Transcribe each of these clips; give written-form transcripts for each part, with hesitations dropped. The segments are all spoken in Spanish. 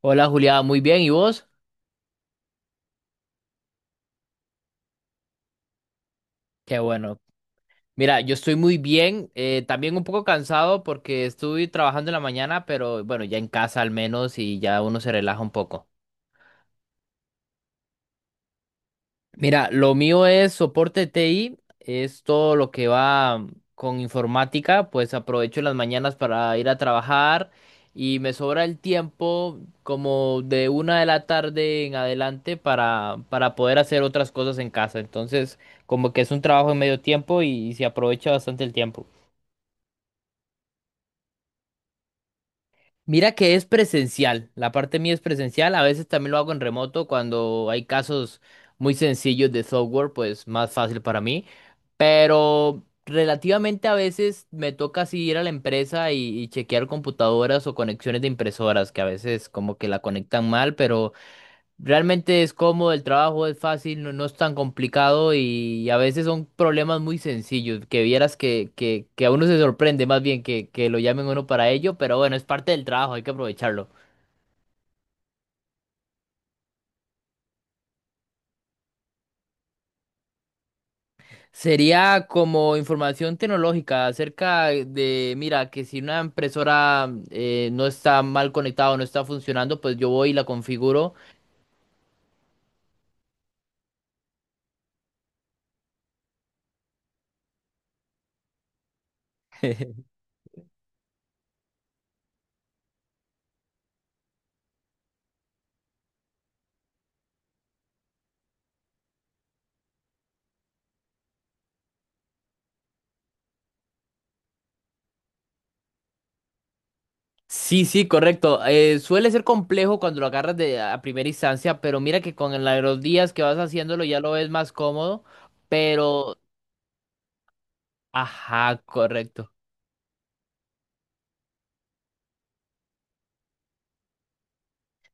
Hola Julián, muy bien. ¿Y vos? Qué bueno. Mira, yo estoy muy bien, también un poco cansado porque estuve trabajando en la mañana, pero bueno, ya en casa al menos y ya uno se relaja un poco. Mira, lo mío es soporte TI, es todo lo que va con informática, pues aprovecho las mañanas para ir a trabajar y me sobra el tiempo como de una de la tarde en adelante para poder hacer otras cosas en casa. Entonces, como que es un trabajo en medio tiempo y se aprovecha bastante el tiempo. Mira que es presencial, la parte mía es presencial, a veces también lo hago en remoto cuando hay casos muy sencillos de software, pues más fácil para mí, pero relativamente a veces me toca así ir a la empresa y chequear computadoras o conexiones de impresoras, que a veces como que la conectan mal. Pero realmente es cómodo, el trabajo es fácil, no, no es tan complicado y a veces son problemas muy sencillos, que vieras que a uno se sorprende más bien que lo llamen a uno para ello, pero bueno, es parte del trabajo, hay que aprovecharlo. Sería como información tecnológica acerca de, mira, que si una impresora no está mal conectada o no está funcionando, pues yo voy y la configuro. Sí, sí, correcto. Suele ser complejo cuando lo agarras de a primera instancia, pero mira que con la- los días que vas haciéndolo ya lo ves más cómodo, pero... Ajá, correcto.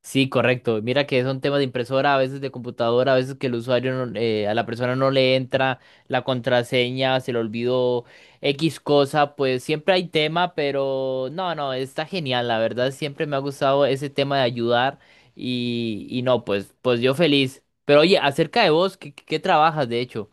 Sí, correcto. Mira que son temas de impresora, a veces de computadora, a veces que el usuario, no- a la persona no le entra la contraseña, se le olvidó X cosa, pues siempre hay tema, pero no, no, está genial, la verdad, siempre me ha gustado ese tema de ayudar y no, pues, pues yo feliz. Pero oye, acerca de vos, ¿qué, qué trabajas de hecho?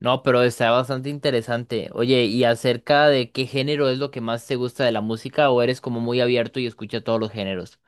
No, pero está bastante interesante. Oye, ¿y acerca de qué género es lo que más te gusta de la música o eres como muy abierto y escucha todos los géneros?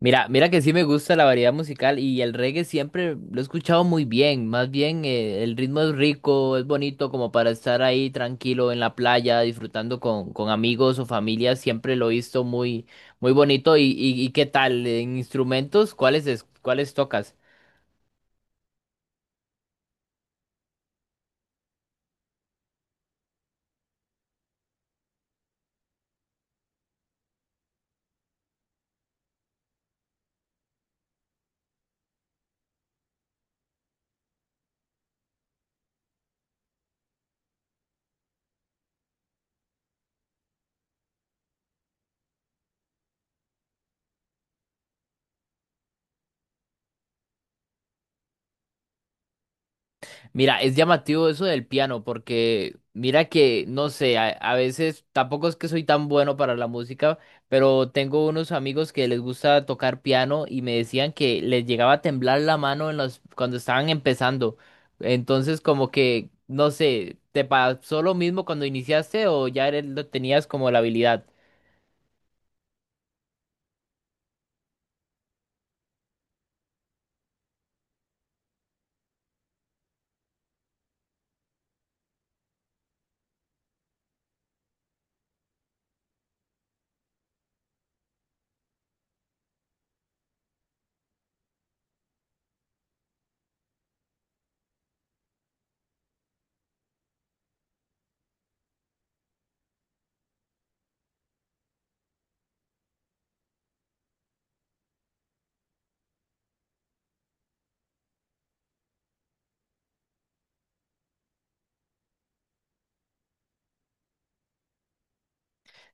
Mira, mira que sí me gusta la variedad musical y el reggae siempre lo he escuchado muy bien. Más bien, el ritmo es rico, es bonito como para estar ahí tranquilo en la playa, disfrutando con amigos o familia. Siempre lo he visto muy, muy bonito. Y qué tal? ¿En instrumentos? ¿Cuáles, es- cuáles tocas? Mira, es llamativo eso del piano, porque mira que, no sé, a veces tampoco es que soy tan bueno para la música, pero tengo unos amigos que les gusta tocar piano y me decían que les llegaba a temblar la mano en los, cuando estaban empezando. Entonces, como que, no sé, ¿te pasó lo mismo cuando iniciaste o ya eres- lo tenías como la habilidad?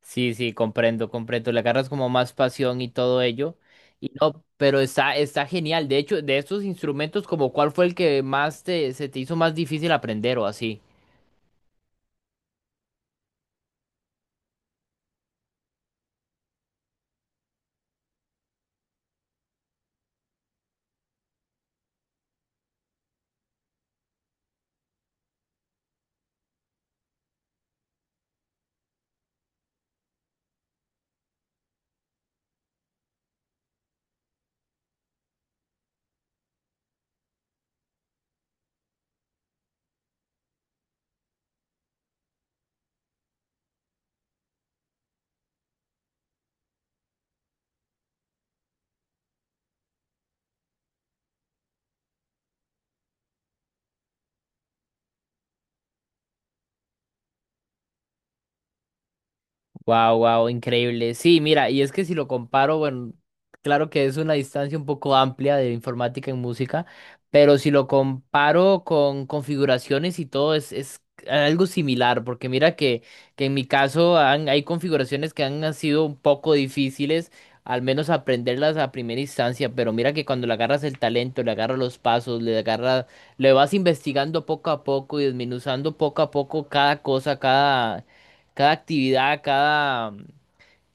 Sí, sí, comprendo, comprendo. Le agarras como más pasión y todo ello. Y no, pero está, está genial. De hecho, de estos instrumentos, como cuál fue el que más te, se te hizo más difícil aprender o así. Wow, wow, increíble. Sí, mira, y es que si lo comparo, bueno, claro que es una distancia un poco amplia de informática en música, pero si lo comparo con configuraciones y todo, es algo similar, porque mira que en mi caso han- hay configuraciones que han sido un poco difíciles, al menos aprenderlas a primera instancia, pero mira que cuando le agarras el talento, le agarras los pasos, le agarras, le vas investigando poco a poco y desmenuzando poco a poco cada cosa, cada cada actividad, cada,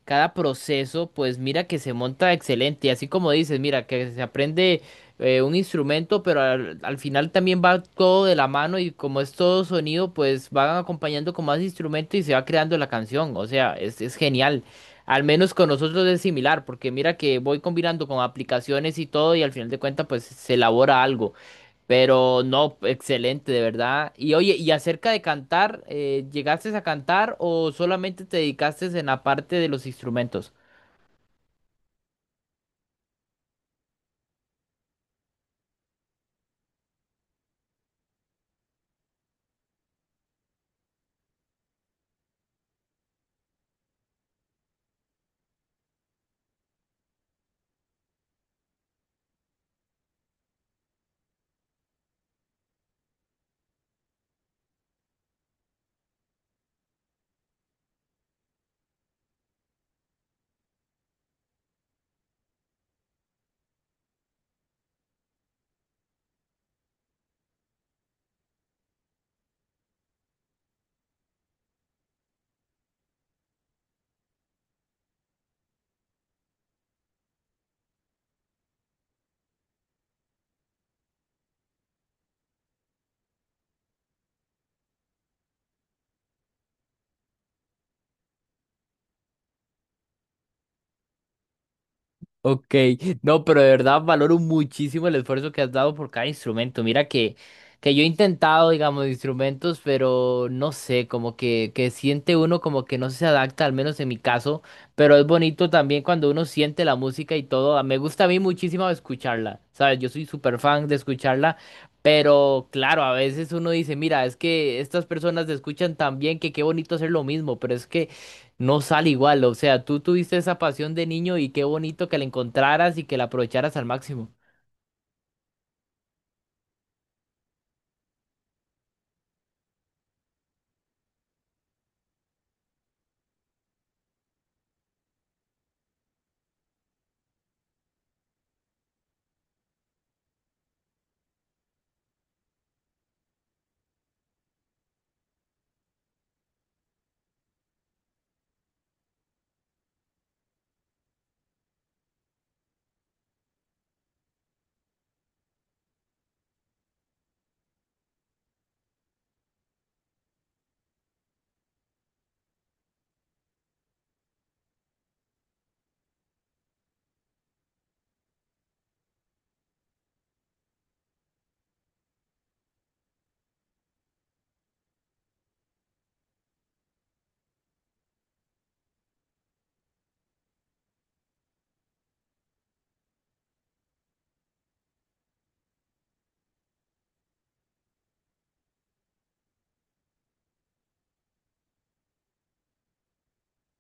cada proceso, pues mira que se monta excelente. Y así como dices, mira que se aprende un instrumento, pero al, al final también va todo de la mano y como es todo sonido, pues van acompañando con más instrumentos y se va creando la canción. O sea, es genial. Al menos con nosotros es similar, porque mira que voy combinando con aplicaciones y todo y al final de cuentas pues se elabora algo. Pero no, excelente, de verdad. Y oye, y acerca de cantar, ¿llegaste a cantar o solamente te dedicaste en la parte de los instrumentos? Ok, no, pero de verdad valoro muchísimo el esfuerzo que has dado por cada instrumento. Mira que yo he intentado, digamos, instrumentos, pero no sé, como que siente uno como que no se adapta, al menos en mi caso, pero es bonito también cuando uno siente la música y todo. Me gusta a mí muchísimo escucharla, ¿sabes? Yo soy súper fan de escucharla, pero claro, a veces uno dice, mira, es que estas personas escuchan tan bien que qué bonito hacer lo mismo, pero es que no sale igual. O sea, tú tuviste esa pasión de niño y qué bonito que la encontraras y que la aprovecharas al máximo.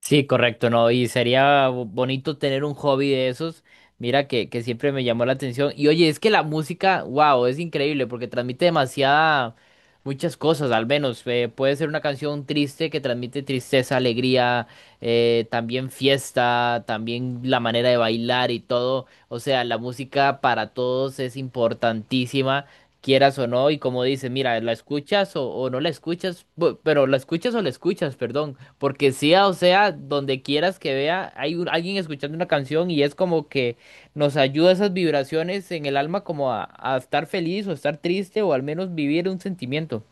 Sí, correcto, ¿no? Y sería bo- bonito tener un hobby de esos. Mira que siempre me llamó la atención. Y oye, es que la música, wow, es increíble porque transmite demasiada, muchas cosas, al menos. Puede ser una canción triste que transmite tristeza, alegría, también fiesta, también la manera de bailar y todo. O sea, la música para todos es importantísima. Quieras o no, y como dices, mira, la escuchas o no la escuchas. Bu- pero la escuchas o la escuchas, perdón. Porque sea, o sea, donde quieras que vea, hay un- alguien escuchando una canción y es como que nos ayuda esas vibraciones en el alma como a estar feliz o estar triste o al menos vivir un sentimiento.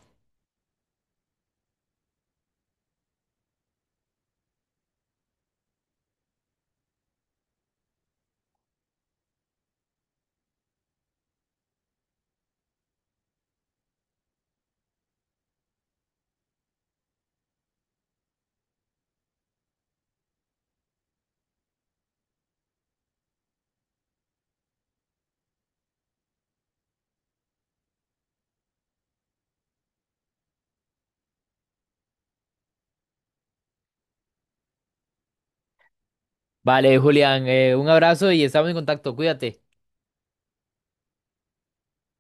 Vale, Julián, un abrazo y estamos en contacto, cuídate.